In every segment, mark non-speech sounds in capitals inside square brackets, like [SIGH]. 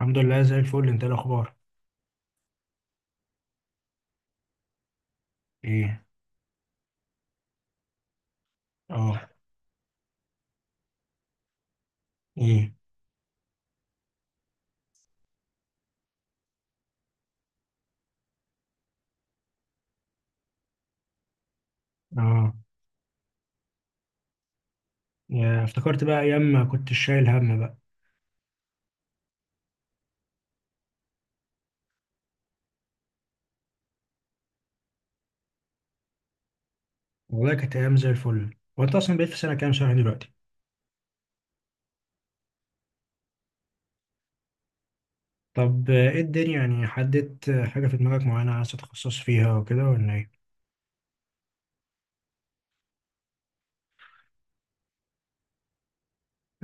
الحمد لله زي الفل، انت ايه الاخبار؟ ايه. اه. ايه. اه. يا افتكرت بقى ايام ما كنت شايل هم بقى. والله كانت ايام زي الفل، وانت اصلا بقيت في سنه كام شهر دلوقتي؟ طب، ايه الدنيا، يعني حددت حاجه في دماغك معينه عايز تتخصص فيها وكده ولا ايه؟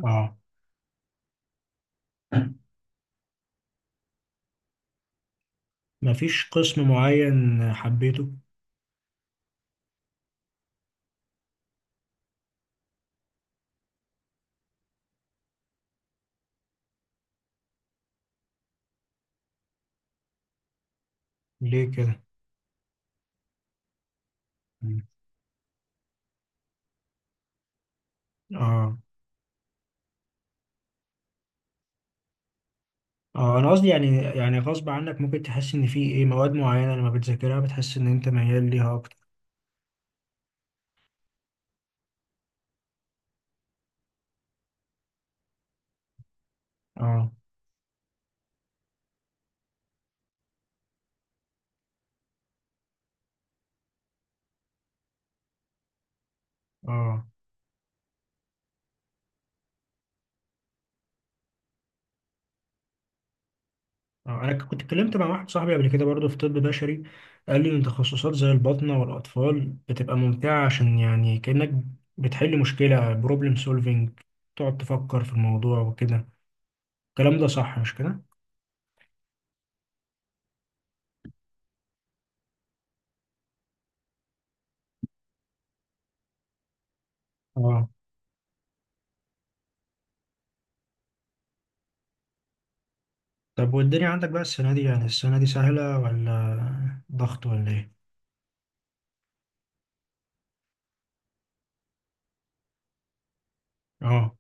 اه. [COUGHS] مفيش قسم معين حبيته؟ ليه كده؟ مم. اه، اه، انا قصدي يعني غصب عنك ممكن تحس ان في ايه مواد معينه لما بتذاكرها بتحس ان انت ميال ليها اكتر. اه، اه. انا كنت اتكلمت مع واحد صاحبي قبل كده برضه في طب بشري، قال لي ان تخصصات زي الباطنه والاطفال بتبقى ممتعه، عشان يعني كانك بتحل مشكله، بروبلم سولفينج، تقعد تفكر في الموضوع وكده. الكلام ده صح مش كده؟ اه. طب والدنيا عندك بقى السنه دي، يعني السنه دي سهله ولا ضغط ولا ايه؟ اه،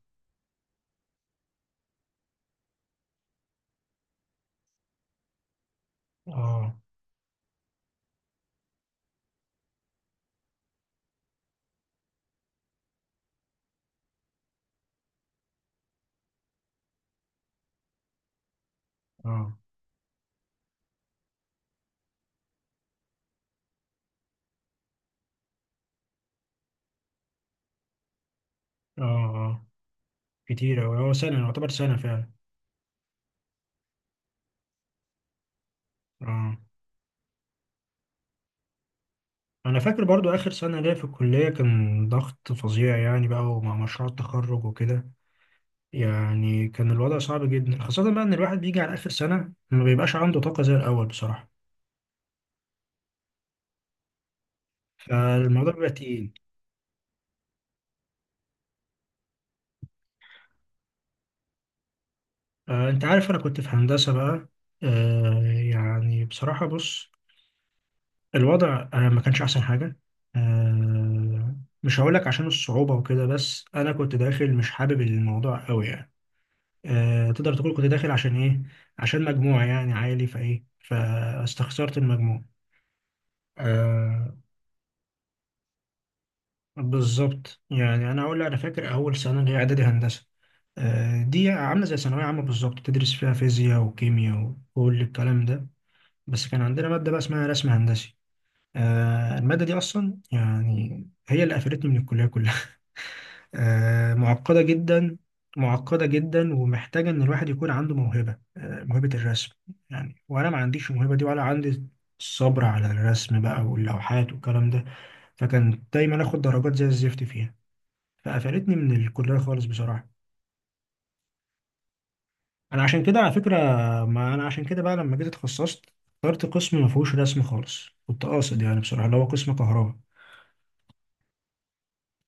اه، اه، اه. اه، كتير اوي، هو سنه يعتبر سنه فعلا. اه، انا فاكر برضو اخر سنه ليا في الكليه كان ضغط فظيع يعني بقى، ومع مشروع التخرج وكده، يعني كان الوضع صعب جدا، خاصة بقى إن الواحد بيجي على آخر سنة ما بيبقاش عنده طاقة زي الأول بصراحة. فالموضوع بيبقى تقيل. أنت عارف أنا كنت في هندسة بقى. يعني بصراحة بص، الوضع ما كانش أحسن حاجة. آه، مش هقولك عشان الصعوبة وكده، بس أنا كنت داخل مش حابب الموضوع أوي يعني. تقدر تقول كنت داخل عشان إيه؟ عشان مجموع يعني عالي، فإيه، فاستخسرت المجموع. آه، بالظبط. يعني انا اقول انا فاكر اول سنه اللي هي اعدادي هندسه، دي عامله زي ثانويه عامه بالظبط، تدرس فيها فيزياء وكيمياء وكل الكلام ده. بس كان عندنا ماده بقى اسمها رسم هندسي. الماده دي اصلا يعني هي اللي قفلتني من الكليه كلها. [LAUGHS] معقده جدا. معقده جدا، ومحتاجه ان الواحد يكون عنده موهبه، موهبه الرسم يعني، وانا ما عنديش الموهبه دي ولا عندي الصبر على الرسم بقى واللوحات والكلام ده. فكان دايما اخد درجات زي الزفت فيها، فقفلتني من الكليه خالص بصراحه. انا عشان كده على فكره، ما انا عشان كده بقى لما جيت اتخصصت اخترت قسم ما فيهوش رسم خالص، كنت قاصد يعني بصراحه، اللي هو قسم كهرباء،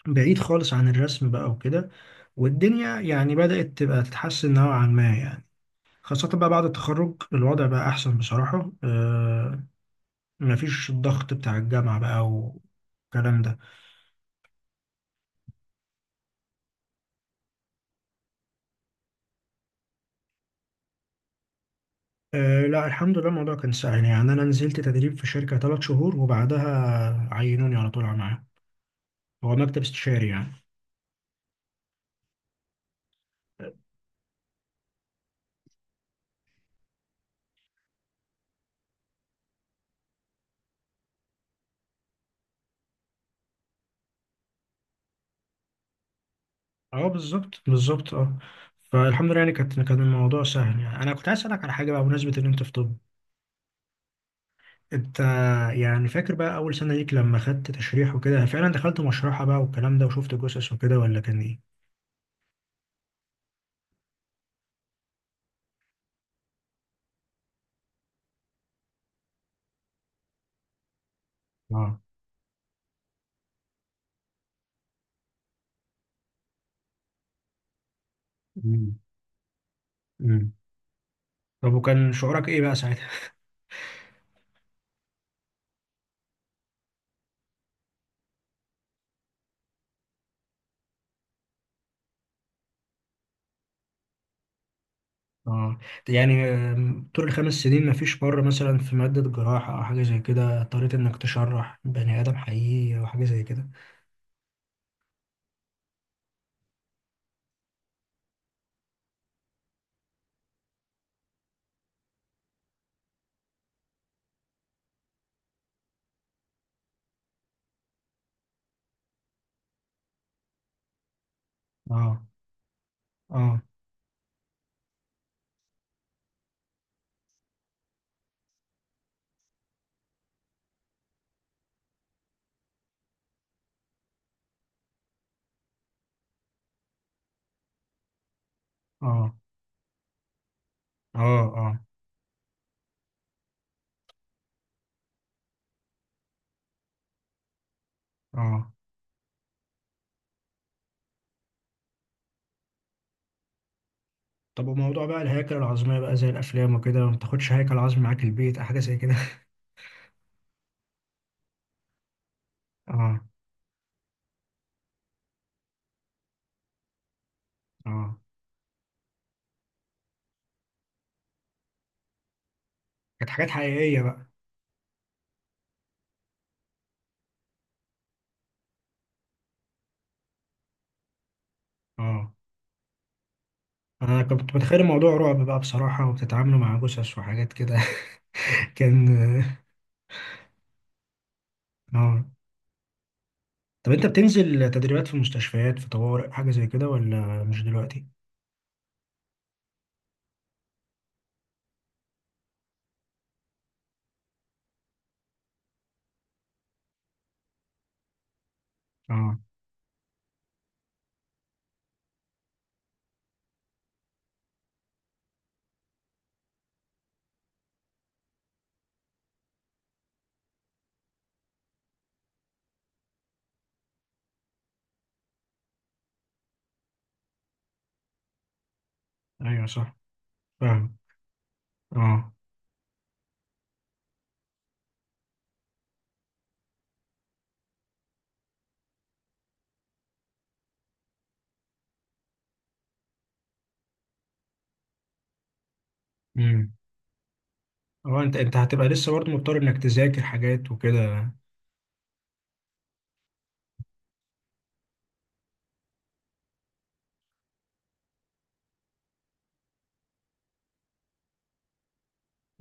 بعيد خالص عن الرسم بقى وكده. والدنيا يعني بدأت تبقى تتحسن نوعا ما يعني، خاصة بقى بعد التخرج الوضع بقى أحسن بصراحة مفيش الضغط بتاع الجامعة بقى والكلام ده. آه، لا الحمد لله، الموضوع كان سهل. يعني أنا نزلت تدريب في شركة 3 شهور، وبعدها عينوني على طول على معاهم. هو مكتب استشاري يعني. اه، بالظبط بالظبط. اه، فالحمد لله يعني، كان الموضوع سهل. يعني انا كنت عايز اسالك على حاجه بقى بمناسبه ان انت في طب. انت يعني فاكر بقى اول سنه ليك لما خدت تشريح وكده، فعلا دخلت مشرحه بقى والكلام ده وشفت جثث وكده ولا كان ايه؟ اه. امم. امم. طب وكان شعورك ايه بقى ساعتها؟ اه، يعني طول ال 5 سنين، مفيش مره مثلا في ماده جراحه او حاجه زي كده اضطريت انك تشرح بني ادم حقيقي او حاجه زي كده؟ اه، اه، اه، اه، اه، اه. طب، وموضوع بقى الهياكل العظمية بقى زي الأفلام وكده، ما تاخدش هيكل عظمي معاك البيت أو حاجة زي كده؟ [LAUGHS] اه، اه. كانت حاجات حقيقية بقى. اه. أنا كنت متخيل الموضوع رعب بقى بصراحة، وبتتعاملوا مع جثث وحاجات كده. [LAUGHS] كان. اه. آه. طب أنت بتنزل تدريبات في مستشفيات، في طوارئ، حاجة زي كده، ولا مش دلوقتي؟ اه، أيوه صح، فاهم. اه، امم، اه. أنت هتبقى لسه برضه مضطر إنك تذاكر حاجات وكده.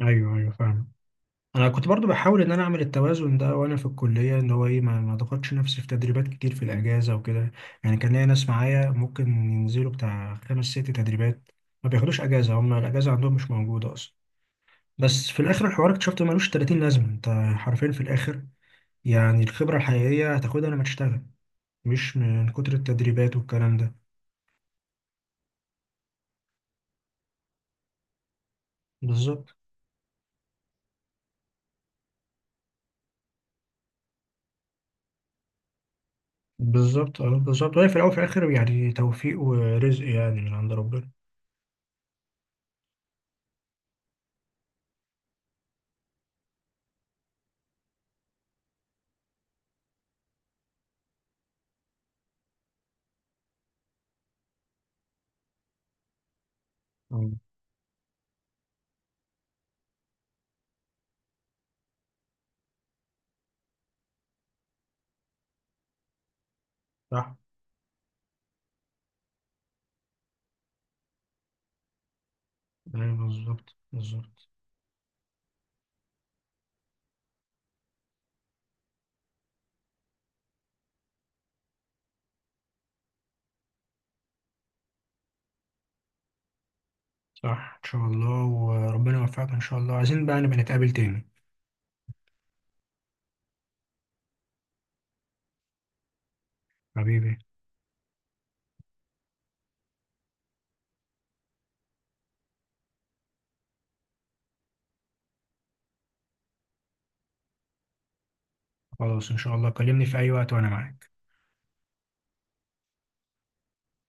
أيوه أيوه، فاهم. انا كنت برضو بحاول ان انا اعمل التوازن ده وانا في الكليه، ان هو ايه، ما ضغطش نفسي في تدريبات كتير في الاجازه وكده. يعني كان ليا ناس معايا ممكن ينزلوا بتاع 5 6 تدريبات، ما بياخدوش اجازه، هم الاجازه عندهم مش موجوده اصلا. بس في الاخر الحوار اكتشفت ملوش 30 لازمه انت، حرفيا في الاخر. يعني الخبره الحقيقيه هتاخدها لما تشتغل، مش من كتر التدريبات والكلام ده. بالظبط بالظبط. اه، بالظبط. وهي في الاول وفي الاخر يعني توفيق ورزق يعني من عند ربنا. أمم. صح. ايوه، بالظبط بالظبط. صح، ان شاء الله، وربنا يوفقك ان شاء الله. عايزين بقى نبقى نتقابل تاني. حبيبي. خلاص، ان شاء الله، كلمني في اي وقت وانا معاك.